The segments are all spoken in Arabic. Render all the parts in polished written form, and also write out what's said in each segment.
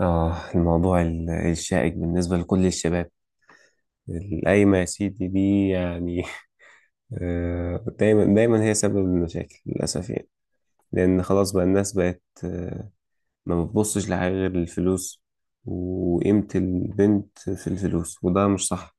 آه الموضوع الشائك بالنسبة لكل الشباب. القايمة يا سيدي دي يعني. دايما دايما هي سبب المشاكل للأسف يعني. لأن خلاص بقى الناس بقت ما بتبصش لحاجة غير الفلوس، وقيمة البنت في الفلوس، وده مش صح.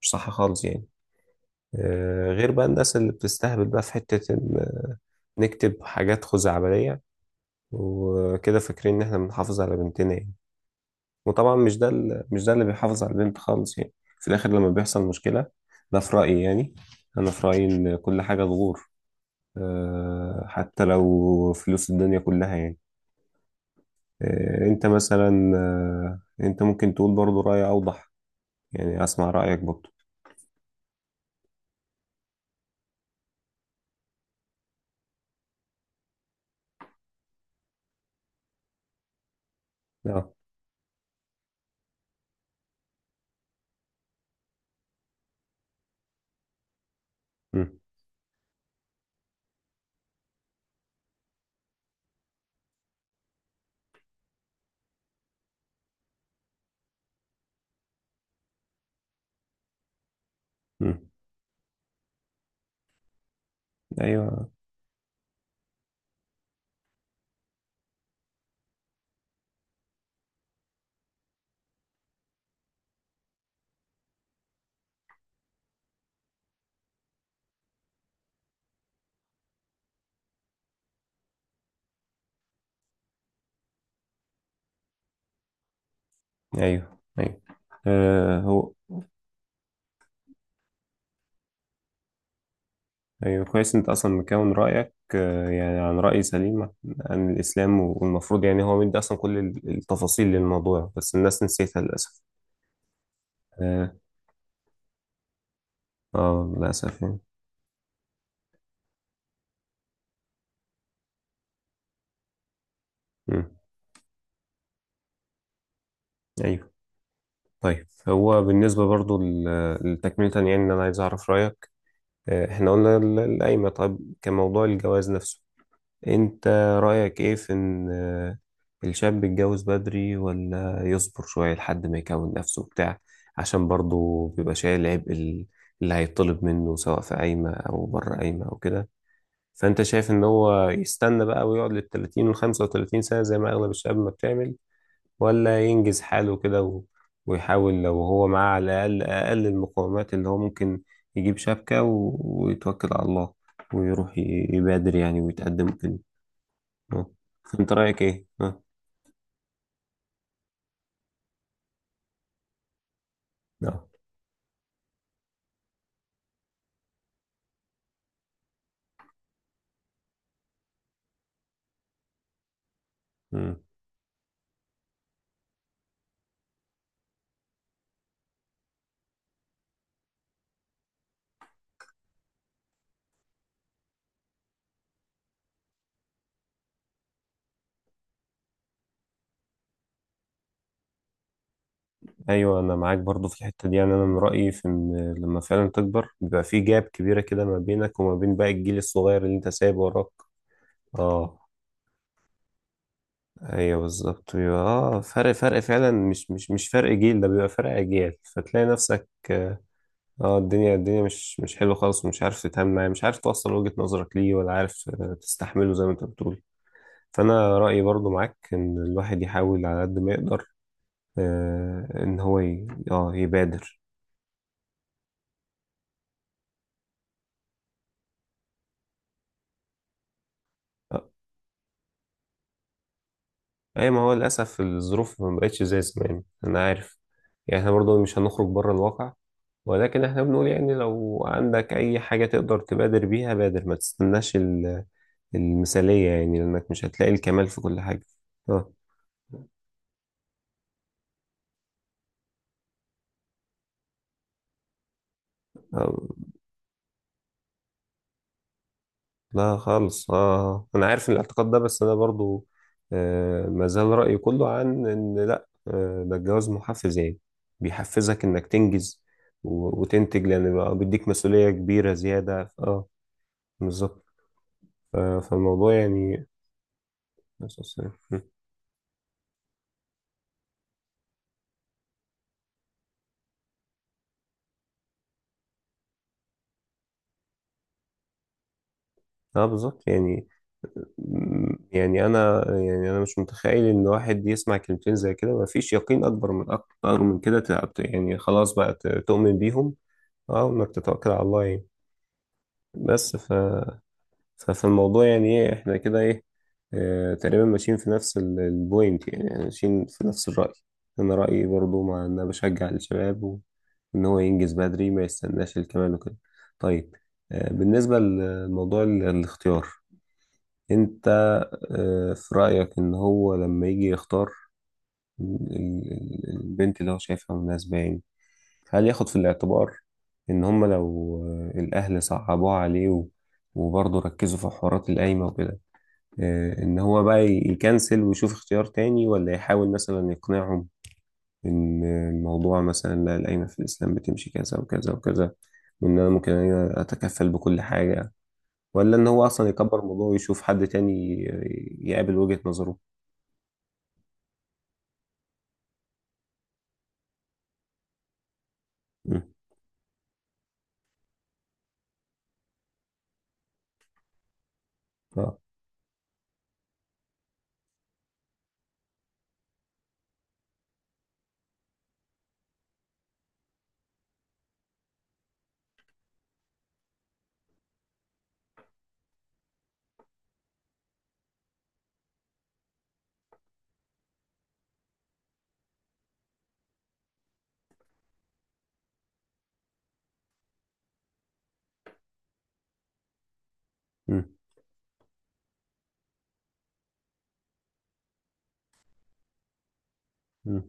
مش صح خالص يعني. غير بقى الناس اللي بتستهبل بقى في حتة إن نكتب حاجات خزعبلية وكده، فاكرين إن إحنا بنحافظ على بنتنا يعني. وطبعا مش ده اللي بيحافظ على البنت خالص يعني في الاخر لما بيحصل مشكلة. ده في رأيي يعني. انا في رأيي ان كل حاجة تغور، حتى لو فلوس الدنيا كلها يعني. انت مثلا، انت ممكن تقول برضو رأي اوضح. يعني اسمع رأيك برضو. اه. مم. مم. ايوه ايوه ايوه. هو ايوه كويس، انت اصلا مكون رايك يعني عن راي سليم عن الاسلام، والمفروض يعني هو مدي اصلا كل التفاصيل للموضوع، بس الناس نسيتها للاسف. اه. للاسف يعني. مم. ايوه. طيب هو بالنسبه برضو لتكمله يعني، ان انا عايز اعرف رايك. احنا قلنا القايمه، طيب كموضوع الجواز نفسه، انت رأيك ايه في ان الشاب يتجوز بدري ولا يصبر شوية لحد ما يكون نفسه بتاع؟ عشان برضه بيبقى شايل عبء اللي هيطلب منه سواء في قايمة او بره قايمة او كده. فانت شايف ان هو يستنى بقى ويقعد للتلاتين والخمسة وتلاتين سنة زي ما اغلب الشباب ما بتعمل، ولا ينجز حاله كده ويحاول لو هو معاه على الاقل اقل المقومات اللي هو ممكن، يجيب شبكة ويتوكل على الله، ويروح يبادر يعني ويتقدم كده؟ آه. انت رأيك ايه؟ آه. اه. مم. ايوه، انا معاك برضو في الحتة دي يعني. انا من رأيي في ان لما فعلا تكبر بيبقى في جاب كبيرة كده ما بينك وما بين باقي الجيل الصغير اللي انت سايبه وراك. اه. ايوه بالظبط، بيبقى اه فرق فعلا، مش فرق جيل، ده بيبقى فرق اجيال، فتلاقي نفسك اه. الدنيا مش حلوه خالص، ومش عارف تتعامل معاه، مش عارف توصل وجهة نظرك ليه، ولا عارف تستحمله زي ما انت بتقول. فانا رأيي برضو معاك ان الواحد يحاول على قد ما يقدر، ان هو ي... اه يبادر. آه، اي ما هو للاسف الظروف ما بقتش زي زمان، انا عارف. يعني احنا برضو مش هنخرج بره الواقع، ولكن احنا بنقول يعني لو عندك اي حاجة تقدر تبادر بيها، بادر. ما تستناش المثالية يعني، لانك مش هتلاقي الكمال في كل حاجة. اه. آه، لا خالص. اه انا عارف إن الاعتقاد ده، بس انا برضو آه ما زال رأيي كله عن ان لا، آه ده الجواز محفز يعني، بيحفزك انك تنجز وتنتج، لان بقى بيديك مسؤولية كبيرة زيادة. اه بالظبط. آه فالموضوع يعني. اه بالظبط يعني. يعني انا، يعني انا مش متخيل ان واحد يسمع كلمتين زي كده ما فيش يقين اكبر من اكتر من كده. يعني خلاص بقى تؤمن بيهم. اه، وانك تتوكل على الله يعني. بس ف... ففي الموضوع يعني، ايه، احنا كده ايه. اه تقريبا ماشيين في نفس البوينت يعني، يعني ماشيين في نفس الرأي. انا رأيي برضو مع ان انا بشجع الشباب ان هو ينجز بدري، ما يستناش الكمال وكده. طيب. اه بالنسبة لموضوع الاختيار، انت اه في رأيك ان هو لما يجي يختار البنت اللي هو شايفها مناسبة يعني، هل ياخد في الاعتبار ان هم لو الاهل صعبوه عليه وبرضه ركزوا في حوارات القايمة وكده، ان هو بقى يكنسل ويشوف اختيار تاني، ولا يحاول مثلا يقنعهم ان الموضوع مثلا، لا، القايمة في الاسلام بتمشي كذا وكذا وكذا، وان انا ممكن أنا اتكفل بكل حاجة، ولا ان هو اصلا يكبر الموضوع ويشوف حد تاني يقابل وجهة نظره؟ م. اه. م. م.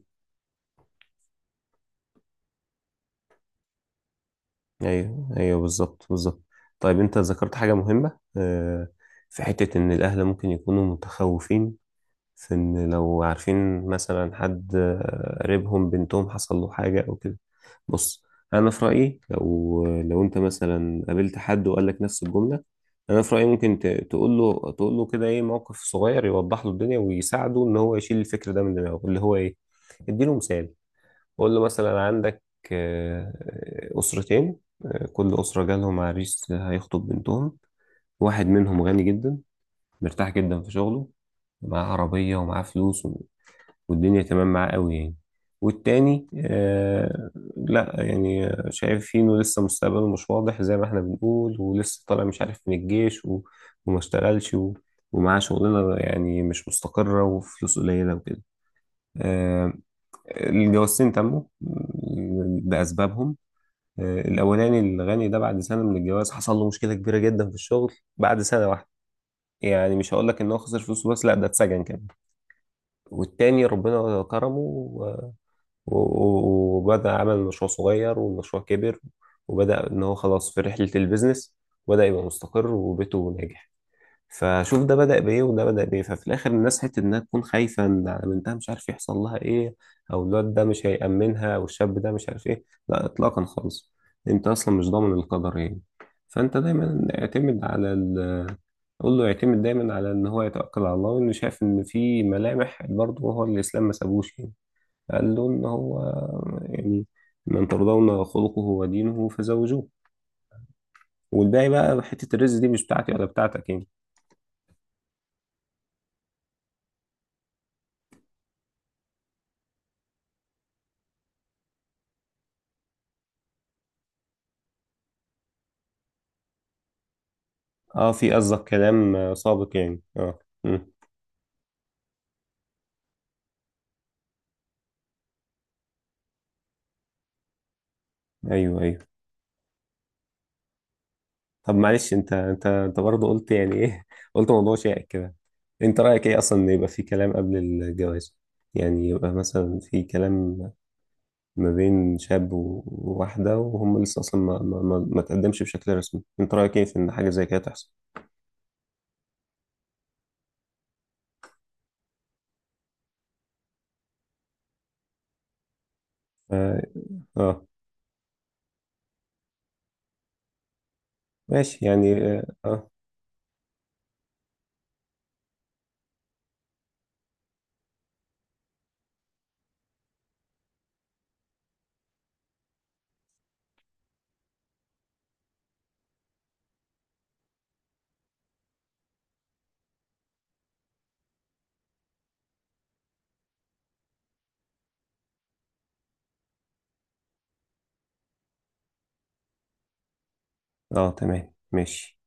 ايوه ايوه بالظبط بالظبط. طيب انت ذكرت حاجه مهمه، في حته ان الاهل ممكن يكونوا متخوفين في ان لو عارفين مثلا حد قريبهم بنتهم حصل له حاجه او كده. بص، انا في رايي لو انت مثلا قابلت حد وقال لك نفس الجمله، انا في رايي ممكن تقول له كده ايه موقف صغير يوضح له الدنيا ويساعده ان هو يشيل الفكر ده من دماغه اللي هو ايه. اديله مثال. قول له مثلا: عندك آه، أسرتين، كل أسرة جالهم عريس هيخطب بنتهم. واحد منهم غني جدا، مرتاح جدا في شغله، معاه عربية ومعاه فلوس والدنيا تمام معاه قوي يعني. والتاني آه لا يعني، شايف فيه إنه لسه مستقبله مش واضح زي ما إحنا بنقول، ولسه طالع مش عارف من الجيش وما اشتغلش ومعاه شغلانة يعني مش مستقرة وفلوس قليلة وكده. آه، الجوازتين تموا لأسبابهم. الأولاني الغني ده بعد سنة من الجواز حصل له مشكلة كبيرة جدا في الشغل بعد سنة واحدة. يعني مش هقول لك إن هو خسر فلوسه، بس لا ده اتسجن كمان. والتاني ربنا كرمه وبدأ عمل مشروع صغير، والمشروع كبر، وبدأ إن هو خلاص في رحلة البيزنس، وبدأ يبقى مستقر وبيته ناجح. فشوف ده بدأ بإيه وده بدأ بإيه. ففي الآخر الناس حتة إنها تكون خايفة إن على بنتها مش عارف يحصل لها إيه، أو الواد ده مش هيأمنها، أو الشاب ده مش عارف إيه، لا إطلاقا خالص. أنت أصلا مش ضامن القدر يعني. فأنت دايما اعتمد على ال قول له يعتمد دايما على إن هو يتوكل على الله، وإنه شايف إن في ملامح برضه. هو الإسلام ما سابوش يعني، قال له إن هو يعني: من ترضون خلقه ودينه فزوجوه. والباقي بقى حتة الرزق دي مش بتاعتي ولا بتاعتك يعني. اه في قصدك كلام سابق يعني. اه. مم. ايوه ايوه. طب معلش، انت برضه قلت يعني ايه قلت موضوع شائك كده. انت رايك ايه اصلا ان يبقى في كلام قبل الجواز؟ يعني يبقى مثلا في كلام ما بين شاب وواحده، وهم لسه اصلا ما تقدمش بشكل رسمي. انت رايك ايه في ان حاجه زي كده تحصل؟ اه. آه. ماشي يعني. اه. اه. آه. تمام ماشي.